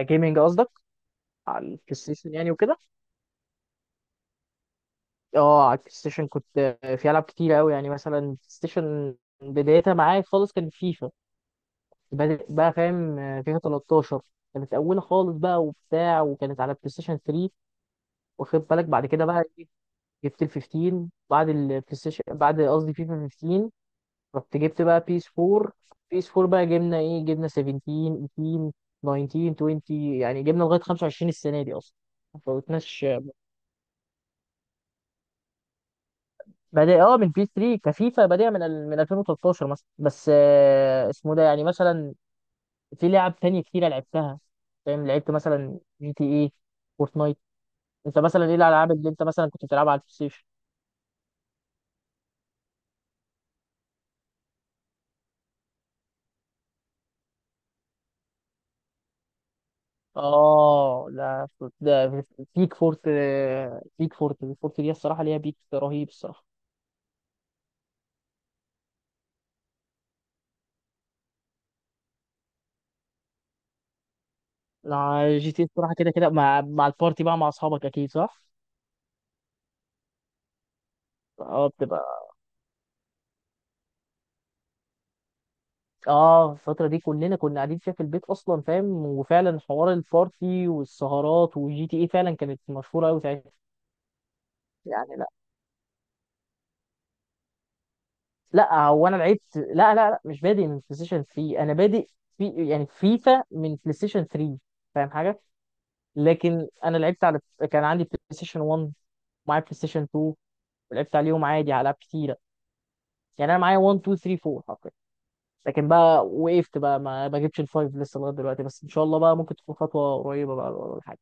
جيمنج قصدك؟ على البلاي ستيشن يعني وكده. اه، على البلاي ستيشن كنت. في العاب كتير قوي، يعني مثلا البلاي ستيشن بدايتها معايا خالص كان فيفا. بدأ بقى، فاهم؟ فيفا 13 كانت اولى خالص بقى وبتاع، وكانت على بلاي ستيشن 3. واخد بالك؟ بعد كده بقى إيه، جبت ال 15 بعد البلاي ستيشن، بعد، قصدي فيفا 15. رحت جبت بقى بيس 4. بيس 4 بقى، جبنا ايه، جبنا 17، 18، 19، 20، يعني جبنا لغايه 25 السنه دي اصلا. ما فوتناش. بادئ اه من بي 3، كفيفا بادئه من من 2013 مثلا. بس اسمه ده يعني، مثلا في لعب تانية كتيرة لعبتها. فاهم، لعبت مثلا جي تي اي، فورتنايت. انت مثلا ايه الالعاب اللي انت مثلا كنت بتلعبها على البلاي ستيشن؟ اه لا، ده بيك فورت. بيك فورت. فورت دي الصراحه ليها بيك رهيب الصراحه. لا، جي تي إيه الصراحه كده كده، مع البارتي بقى، مع اصحابك اكيد، صح. اه بتبقى، اه الفترة دي كلنا كنا قاعدين فيها في البيت اصلا. فاهم، وفعلا حوار البارتي والسهرات وجي تي اي فعلا كانت مشهورة قوي ساعتها. يعني لا، لا هو انا لعبت، لا لا لا، مش بادئ من بلاي ستيشن 3. انا بادئ في، يعني فيفا، من بلاي ستيشن 3. فاهم حاجة؟ لكن انا لعبت على، كان عندي بلاي ستيشن 1 ومعايا بلاي ستيشن 2، ولعبت عليهم عادي على العاب كتيرة. يعني انا معايا 1، 2، 3، 4 حرفيا. لكن بقى وقفت بقى، ما جبتش الفايف لسه لغايه دلوقتي، بس ان شاء الله بقى ممكن تكون خطوه قريبه بقى ولا حاجه.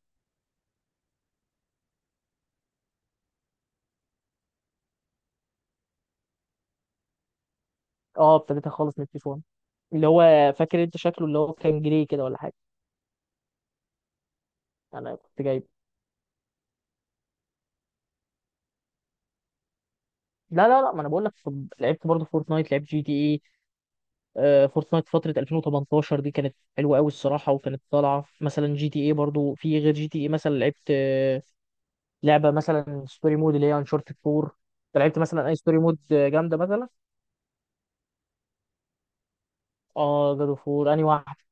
اه ابتديتها خالص من التليفون، اللي هو، فاكر انت شكله؟ اللي هو كان جري كده ولا حاجه. انا كنت جايبه. لا لا لا، ما انا بقول لك، لعبت برضه فورتنايت، لعبت جي تي اي. فورتنايت فتره 2018 دي كانت حلوه قوي الصراحه، وكانت طالعه مثلا. جي تي اي برضه، في غير جي تي اي مثلا لعبت، لعبه مثلا ستوري مود اللي هي انشارتد 4. انت لعبت مثلا اي ستوري مود جامده مثلا؟ اه جادو فور، انهي واحده؟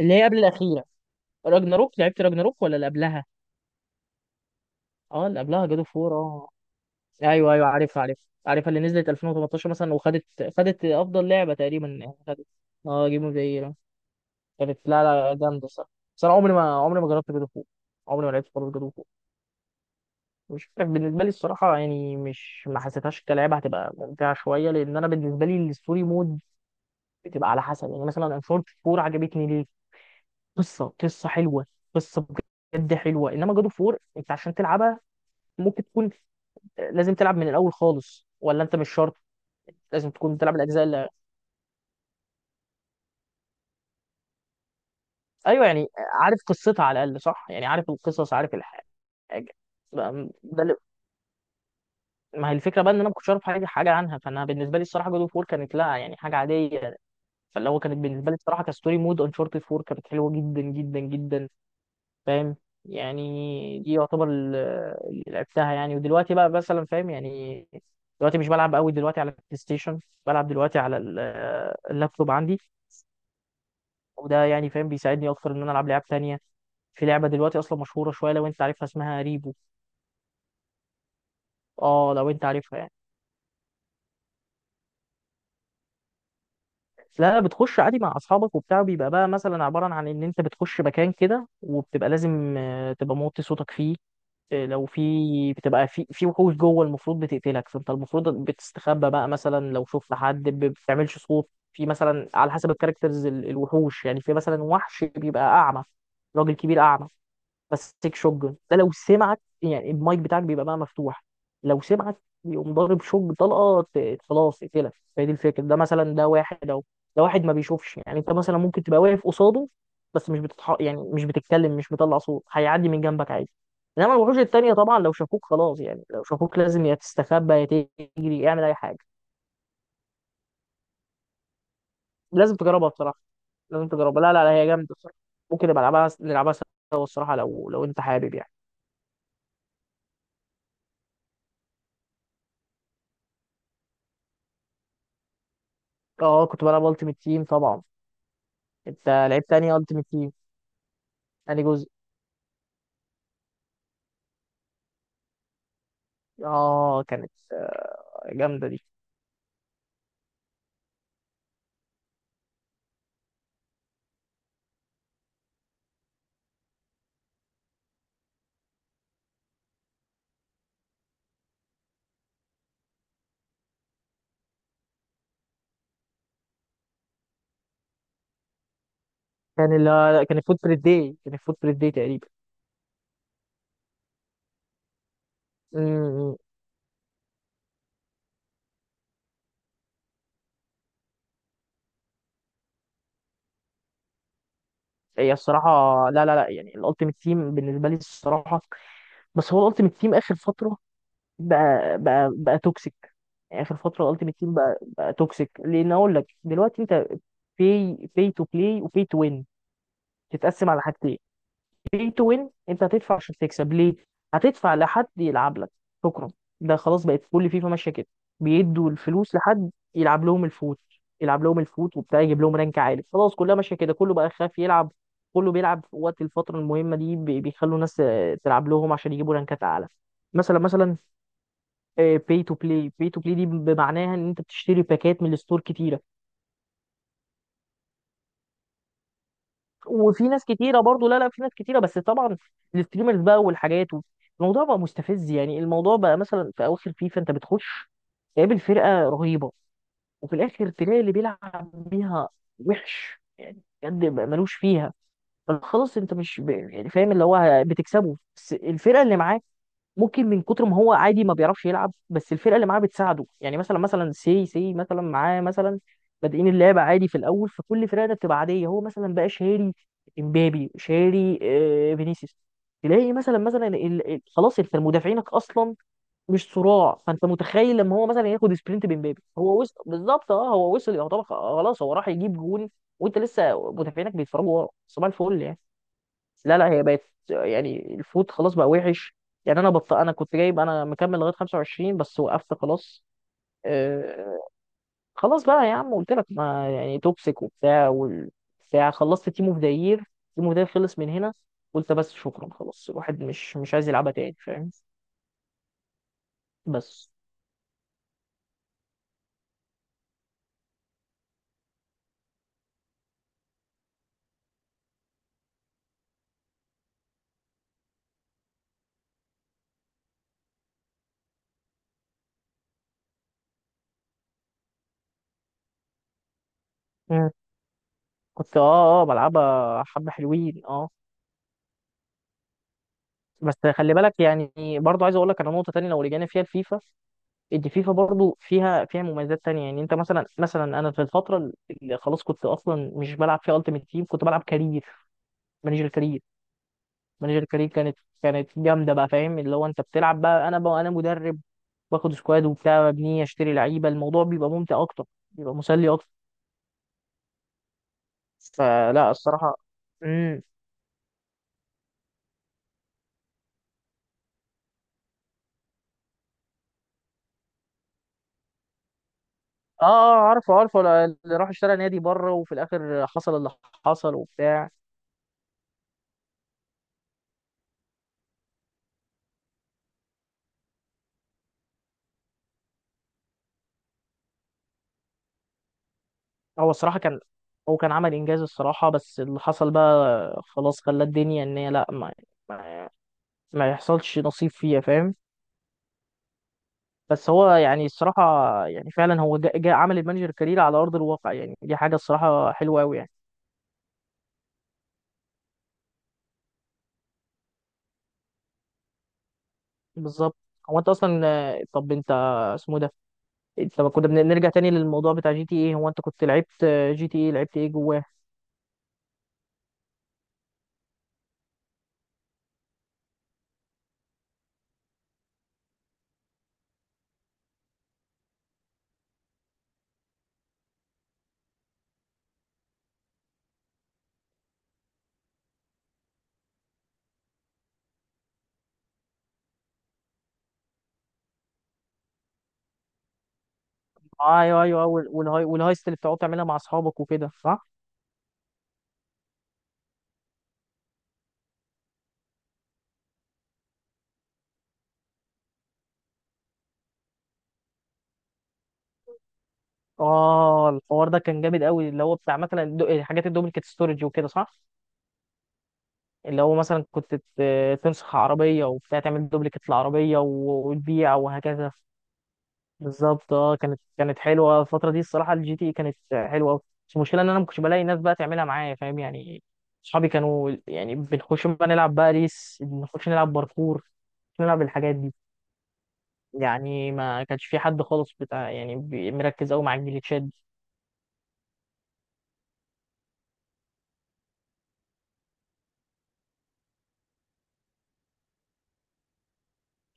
اللي هي قبل الاخيره. راجناروك؟ لعبت راجناروك ولا اللي قبلها؟ اه اللي قبلها جادو فور، اه. ايوه ايوه، عارفها عارفها عارفها، اللي نزلت 2018 مثلا، وخدت، خدت افضل لعبه تقريبا يعني، خدت. اه، جيم اوف ذا يير. كانت، لا، لا جامده الصراحه. بس انا عمري ما، عمري ما جربت جود اوف وور، عمري ما لعبت خالص جود اوف وور. مش عارف، بالنسبه لي الصراحه يعني، مش، ما حسيتهاش كلعبه هتبقى ممتعه شويه، لان انا بالنسبه لي الستوري مود بتبقى على حسب. يعني مثلا انفورد 4 عجبتني ليه؟ قصه، قصه حلوه، قصه بجد حلوه. انما جود اوف 4 انت عشان تلعبها، ممكن تكون، لازم تلعب من الاول خالص، ولا انت مش شرط لازم تكون بتلعب الاجزاء اللي... ايوه يعني، عارف قصتها على الاقل، صح؟ يعني عارف القصص، عارف الحاجه. بقى- ده اللي... ما هي الفكره بقى، ان انا ما كنتش اعرف حاجه، عنها. فانا بالنسبه لي الصراحه جود اوف وور كانت، لا يعني، حاجه عاديه. فاللي هو كانت بالنسبه لي الصراحه كستوري مود، انشارتد 4 كانت حلوه جدا جدا جدا. فاهم يعني؟ دي يعتبر اللي لعبتها يعني. ودلوقتي بقى مثلا، فاهم يعني، دلوقتي مش بلعب قوي دلوقتي على البلاي ستيشن. بلعب دلوقتي على اللابتوب عندي، وده يعني فاهم بيساعدني اكتر ان انا العب لعب تانية. في لعبه دلوقتي اصلا مشهوره شويه، لو انت عارفها، اسمها ريبو. اه، لو انت عارفها يعني. لا، بتخش عادي مع اصحابك وبتاع، بيبقى بقى مثلا عباره عن ان انت بتخش مكان كده، وبتبقى لازم تبقى موطي صوتك فيه. لو في بتبقى في، وحوش جوه المفروض بتقتلك، فانت المفروض بتستخبى بقى. مثلا لو شفت حد، بتعملش صوت في مثلا على حسب الكاركترز، الوحوش. يعني في مثلا وحش بيبقى اعمى، راجل كبير اعمى، ماسك شوت، ده لو سمعك يعني، المايك بتاعك بيبقى بقى مفتوح، لو سمعك يقوم ضارب شوت طلقه، خلاص اقتلك. فهي دي الفكره، ده مثلا، ده واحد اهو، ده واحد ما بيشوفش يعني. انت مثلا ممكن تبقى واقف قصاده، بس مش يعني مش بتتكلم، مش مطلع صوت، هيعدي من جنبك عادي. انما الوحوش التانية طبعا لو شافوك خلاص، يعني لو شافوك لازم يا تستخبى يا تجري، اعمل اي حاجه. لازم تجربها بصراحه، لازم تجربها، لا لا لا، هي جامده بصراحه. ممكن نبقى نلعبها، سوا الصراحه، لو انت حابب يعني. اه، كنت بلعب التيمت تيم طبعا. انت لعبت انهي التيمت تيم؟ انهي جزء؟ اه كانت، جامده دي. كان، لا، لا كان الفوت بريد داي، تقريبا. امم. هي الصراحه، لا لا لا، يعني الالتيمت تيم بالنسبه لي الصراحه، بس هو الالتيمت تيم اخر فتره بقى، توكسيك. يعني اخر فتره الالتيمت تيم بقى، توكسيك. لان اقول لك دلوقتي، انت في في تو بلاي وفي تو وين، تتقسم على حاجتين. pay to win، انت هتدفع عشان تكسب، ليه؟ هتدفع لحد يلعب لك، شكرا. ده خلاص بقت كل فيفا ماشيه كده، بيدوا الفلوس لحد يلعب لهم الفوت. وبتاع، يجيب لهم رانك عالي. خلاص كلها ماشيه كده، كله بقى خاف يلعب، كله بيلعب في وقت الفتره المهمه دي، بيخلوا ناس تلعب لهم عشان يجيبوا رانكات اعلى. مثلا، باي تو بلاي. دي بمعناها، ان انت بتشتري باكات من الستور كتيره، وفي ناس كتيره برضو، لا لا، في ناس كتيره بس طبعا الستريمرز بقى والحاجات و... الموضوع بقى مستفز يعني. الموضوع بقى، مثلا في اواخر فيفا انت بتخش تقابل فرقه رهيبه، وفي الاخر تلاقي اللي بيلعب بيها وحش يعني، بجد بقى ملوش فيها. فخلاص انت مش يعني فاهم اللي هو بتكسبه، بس الفرقه اللي معاك ممكن من كتر ما هو عادي، ما بيعرفش يلعب، بس الفرقه اللي معاه بتساعده. يعني مثلا، سي سي، مثلا معاه، مثلا بادئين اللعبه عادي في الاول، فكل الفرقه ده بتبقى عاديه. هو مثلا بقى شاري امبابي، شاري فينيسيوس، تلاقي مثلا، خلاص انت مدافعينك اصلا مش صراع. فانت متخيل لما هو مثلا ياخد سبرنت بامبابي، هو وصل بالظبط، اه هو وصل يعتبر خلاص، هو راح يجيب جون، وانت لسه مدافعينك بيتفرجوا ورا، صباح الفل يعني. لا لا، هي بقت يعني الفود خلاص بقى وحش. يعني انا انا كنت جايب، انا مكمل لغايه 25 بس وقفت خلاص. آه... خلاص بقى يا عم، قلت لك ما يعني توكسيك وبتاع والبتاع، خلصت تيم اوف ذا يير، تيم اوف ذا خلص من هنا. قلت بس شكرا، خلاص الواحد مش، عايز يلعبها تاني. فاهم؟ بس. مم. كنت، اه بلعبها حبه حلوين، اه. بس خلي بالك يعني، برضه عايز اقول لك على نقطه تانية لو رجعنا فيها الفيفا. دي فيفا برضو فيها، مميزات تانية. يعني انت مثلا، انا في الفترة اللي خلاص كنت اصلا مش بلعب فيها التيمت تيم، كنت بلعب كارير، مانجر كارير. كانت، جامدة بقى. فاهم، اللي هو انت بتلعب بقى، انا بقى، مدرب، باخد سكواد وبتاع، ببنيه، اشتري لعيبة، الموضوع بيبقى ممتع اكتر، بيبقى مسلي اكتر. فلا الصراحة. امم، اه. عارفه عارفه، اللي راح اشترى نادي بره، وفي الاخر حصل اللي حصل وبتاع. هو الصراحة كان، هو كان عمل إنجاز الصراحة، بس اللي حصل بقى خلاص، خلى الدنيا إن هي لأ، ما، ما, ما يحصلش نصيب فيها. فاهم؟ بس هو يعني الصراحة، يعني فعلا هو جا عمل المانجر كارير على أرض الواقع. يعني دي حاجة الصراحة حلوة أوي يعني. بالظبط. هو أنت أصلا، طب أنت، اسمه ده، أنت، ما كنا بنرجع تاني للموضوع بتاع جي تي إيه. هو أنت كنت لعبت جي تي إيه، لعبت إيه جواه؟ أيوه أيوه أيوه، والهاي، اللي بتقعد تعملها مع أصحابك وكده، صح؟ اه الحوار ده كان جامد قوي، اللي هو بتاع مثلا حاجات الدوبليكيت ستورج وكده، صح. اللي هو مثلا كنت تنسخ عربيه وبتاع، تعمل دوبليكيت العربيه وتبيع، وهكذا. بالظبط، اه كانت، حلوه الفتره دي الصراحه، الجي تي كانت حلوه قوي. بس المشكله ان انا ما كنتش بلاقي ناس بقى تعملها معايا، فاهم يعني. اصحابي كانوا يعني، بنخش بقى نلعب بقى ريس، بنخش نلعب باركور، نلعب الحاجات دي. يعني ما كانش في حد خالص بتاع يعني، مركز قوي مع الجليتشات.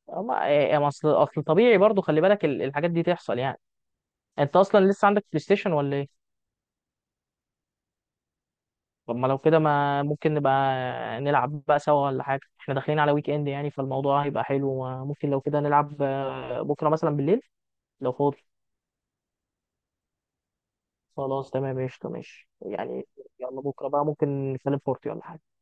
ما إيه، ما اصل، طبيعي برضو، خلي بالك الحاجات دي تحصل يعني. انت اصلا لسه عندك بلاي ستيشن ولا ايه؟ طب ما لو كده، ما ممكن نبقى نلعب بقى سوا ولا حاجه؟ احنا داخلين على ويك اند يعني، فالموضوع هيبقى حلو. ممكن لو كده نلعب بكره مثلا بالليل لو فاضي. خلاص تمام قشطه، ماشي يعني. يلا بكره بقى ممكن نتكلم فورتي ولا حاجه.